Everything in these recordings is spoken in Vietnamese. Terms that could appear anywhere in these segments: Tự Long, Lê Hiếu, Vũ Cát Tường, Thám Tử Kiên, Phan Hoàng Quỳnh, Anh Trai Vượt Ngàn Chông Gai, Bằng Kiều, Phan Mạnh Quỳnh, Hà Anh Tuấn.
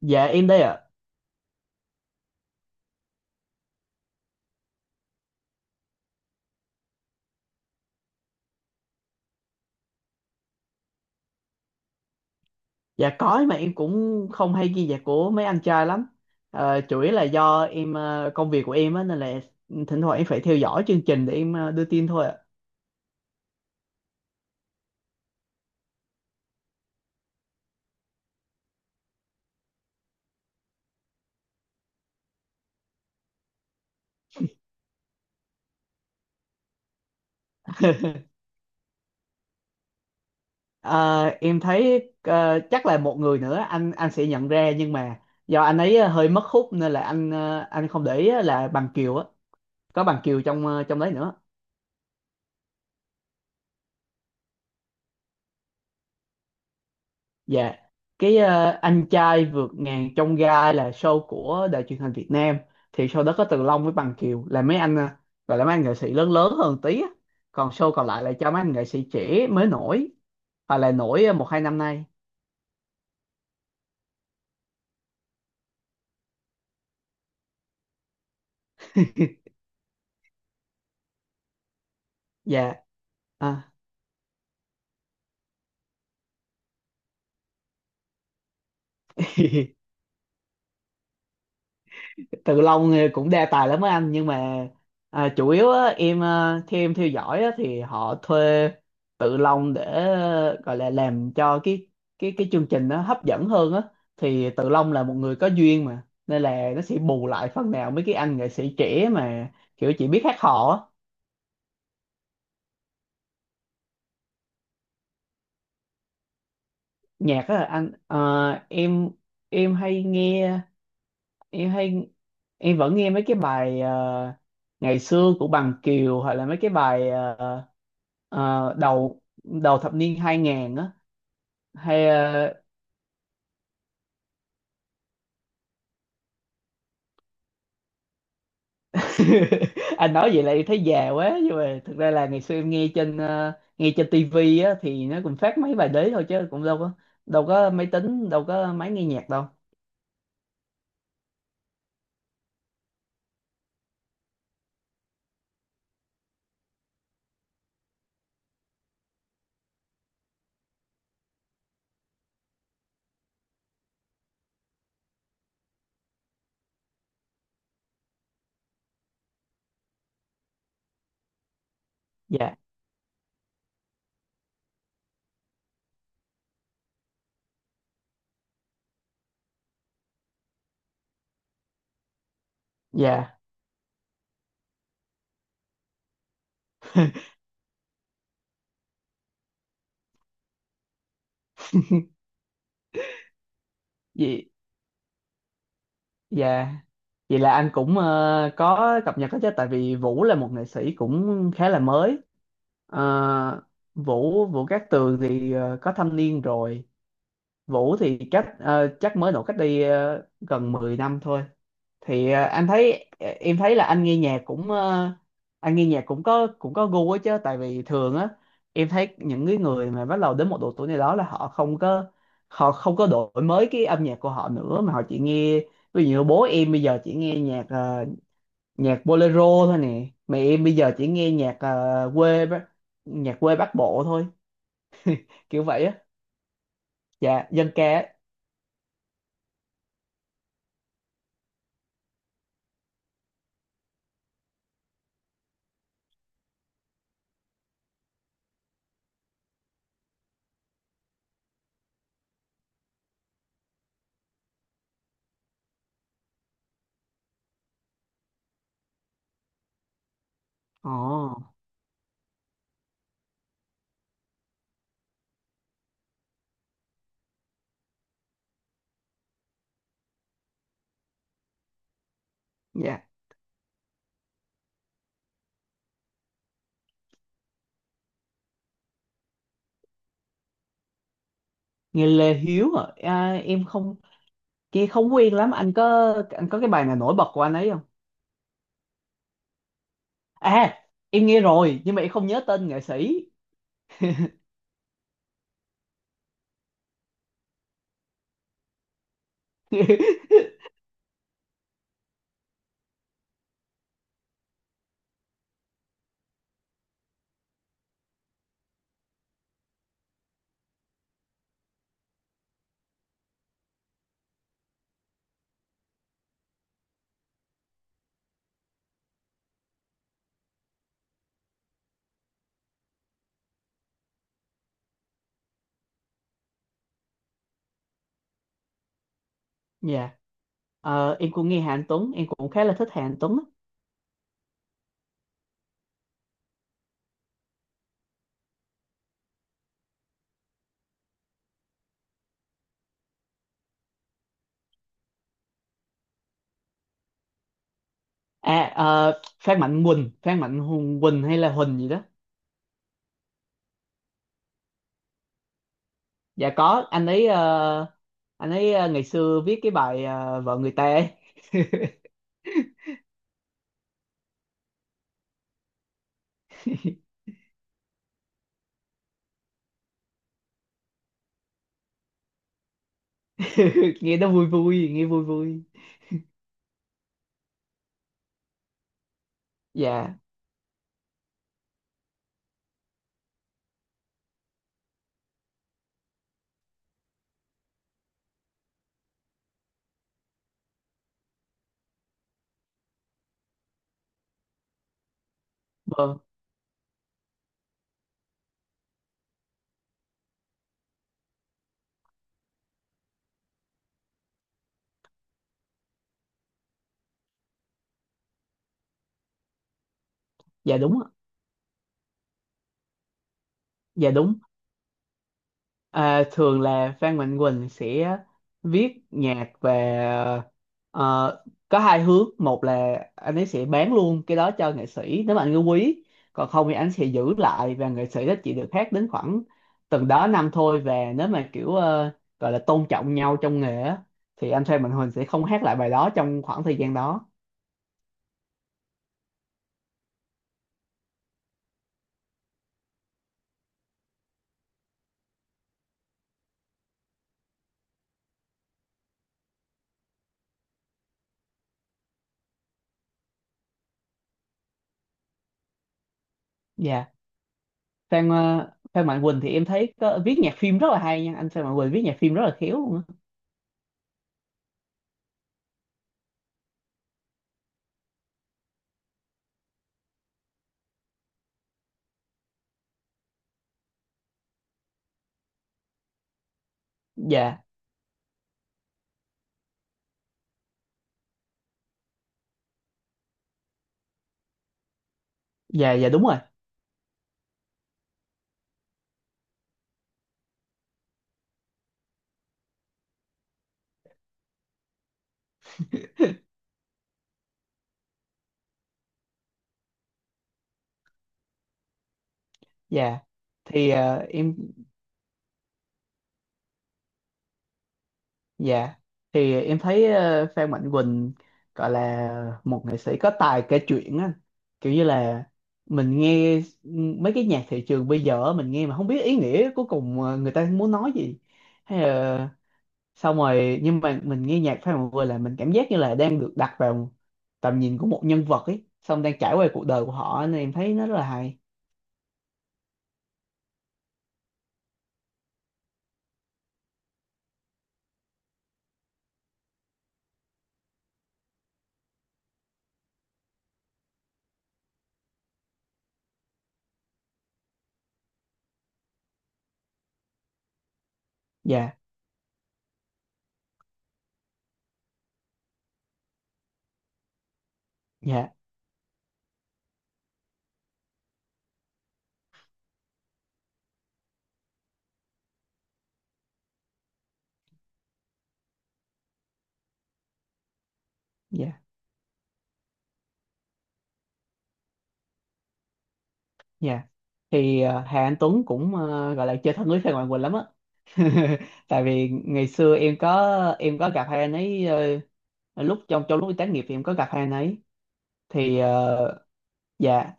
Dạ em đây ạ. Dạ có nhưng mà em cũng không hay ghi nhạc của mấy anh trai lắm. Ờ, chủ yếu là do em công việc của em á nên là thỉnh thoảng em phải theo dõi chương trình để em đưa tin thôi ạ. Ờ, em thấy chắc là một người nữa anh sẽ nhận ra nhưng mà do anh ấy hơi mất hút nên là anh không để ý á là Bằng Kiều á, có Bằng Kiều trong trong đấy nữa. Dạ, cái anh trai vượt ngàn chông gai là show của đài truyền hình Việt Nam thì show đó có Từ Long với Bằng Kiều là mấy anh gọi là mấy anh nghệ sĩ lớn lớn hơn tí á. Còn show còn lại là cho mấy anh nghệ sĩ trẻ mới nổi hoặc là nổi một hai năm nay. Dạ. À. Tự Long cũng đa tài lắm á anh nhưng mà à, chủ yếu á, em theo em theo dõi á, thì họ thuê Tự Long để gọi là làm cho cái chương trình nó hấp dẫn hơn á thì Tự Long là một người có duyên mà nên là nó sẽ bù lại phần nào mấy cái anh nghệ sĩ trẻ mà kiểu chỉ biết hát hò á. Nhạc á anh em em hay nghe em hay em vẫn nghe mấy cái bài ngày xưa của Bằng Kiều hoặc là mấy cái bài đầu đầu thập niên 2000 á hay anh nói vậy là em thấy già quá nhưng mà thực ra là ngày xưa em nghe trên tivi á thì nó cũng phát mấy bài đấy thôi chứ cũng đâu có máy tính đâu có máy nghe nhạc đâu. Dạ. Dạ. Gì? Dạ. Vậy là anh cũng có cập nhật hết chứ tại vì Vũ là một nghệ sĩ cũng khá là mới. Ờ, Vũ Vũ Cát Tường thì có thâm niên rồi. Vũ thì chắc mới nổi cách đây gần 10 năm thôi. Thì em thấy là anh nghe nhạc cũng có gu ấy chứ tại vì thường á em thấy những cái người mà bắt đầu đến một độ tuổi này đó là họ không có đổi mới cái âm nhạc của họ nữa mà họ chỉ nghe ví dụ như bố em bây giờ chỉ nghe nhạc bolero thôi nè mà em bây giờ chỉ nghe nhạc quê Bắc Bộ thôi kiểu vậy á. Dạ, dân ca á. Ồ. Dạ. Nghe Lê Hiếu à, à em không nghe không quen lắm anh có cái bài nào nổi bật của anh ấy không? À em nghe rồi nhưng mà em không nhớ tên nghệ sĩ. Dạ. Ờ, em cũng nghe Hà Anh Tuấn em cũng khá là thích Hà Anh Tuấn á. À Phan Mạnh Quỳnh Phan Mạnh Hùng Quỳnh hay là Huỳnh gì đó. Dạ có ngày xưa viết cái bài vợ người ta ấy. Nghe nó vui vui, nghe vui vui. Dạ vâng. Dạ đúng ạ. Dạ đúng. À, thường là Phan Mạnh Quỳnh sẽ viết nhạc về ờ, có hai hướng, một là anh ấy sẽ bán luôn cái đó cho nghệ sĩ nếu mà anh ấy quý, còn không thì anh sẽ giữ lại và nghệ sĩ đó chỉ được hát đến khoảng từng đó năm thôi và nếu mà kiểu gọi là tôn trọng nhau trong nghề á, thì anh Phan Mạnh Quỳnh sẽ không hát lại bài đó trong khoảng thời gian đó. Dạ. Phan Mạnh Quỳnh thì em thấy có, viết nhạc phim rất là hay nha anh, Phan Mạnh Quỳnh viết nhạc phim rất là khéo luôn á. Dạ. Dạ. Dạ đúng rồi. Dạ thì ờ, em dạ thì em thấy Phan Mạnh Quỳnh gọi là một nghệ sĩ có tài kể chuyện á kiểu như là mình nghe mấy cái nhạc thị trường bây giờ á, mình nghe mà không biết ý nghĩa cuối cùng người ta muốn nói gì hay là xong rồi nhưng mà mình nghe nhạc Phan Mạnh Quỳnh là mình cảm giác như là đang được đặt vào tầm nhìn của một nhân vật ấy xong đang trải qua cuộc đời của họ nên em thấy nó rất là hay. Dạ. Dạ. Dạ. Dạ. Thì Hà Anh Tuấn cũng gọi là chơi thân với Phan Hoàng Quỳnh lắm á. Tại vì ngày xưa em có gặp hai anh ấy lúc trong trong lúc đi tác nghiệp thì em có gặp hai anh ấy. Thì dạ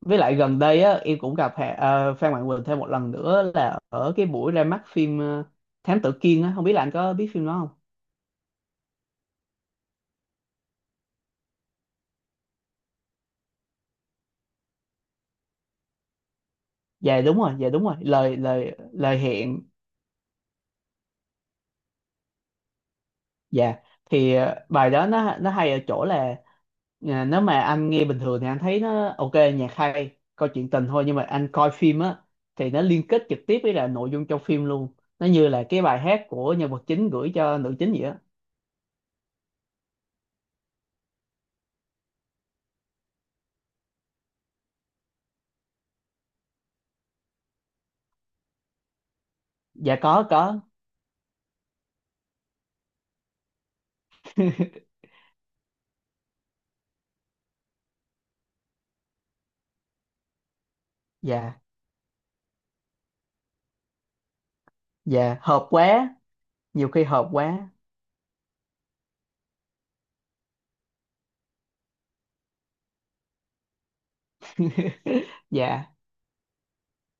với lại gần đây á em cũng gặp Phan Hoàng Quỳnh thêm một lần nữa là ở cái buổi ra mắt phim Thám Tử Kiên á, không biết là anh có biết phim đó không? Dạ đúng rồi, dạ đúng rồi. Lời lời lời hẹn. Dạ. Thì bài đó nó hay ở chỗ là à, nếu mà anh nghe bình thường thì anh thấy nó ok nhạc hay câu chuyện tình thôi nhưng mà anh coi phim á thì nó liên kết trực tiếp với là nội dung trong phim luôn nó như là cái bài hát của nhân vật chính gửi cho nữ chính vậy á. Dạ có có. Dạ. Dạ hợp quá, nhiều khi hợp quá. Dạ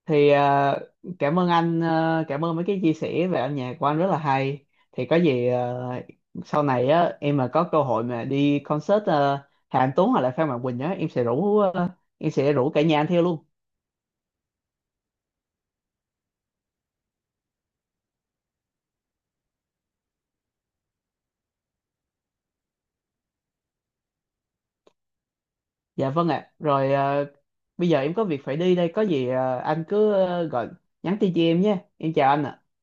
thì ờ, cảm ơn mấy cái chia sẻ về âm nhạc của anh rất là hay. Thì có sau này á em mà có cơ hội mà đi concert Hà Anh Tuấn hoặc là Phan Mạnh Quỳnh á em sẽ rủ cả nhà anh theo luôn. Dạ vâng ạ, rồi bây giờ em có việc phải đi đây, có anh cứ gọi nhắn tin cho em nhé, em chào anh ạ.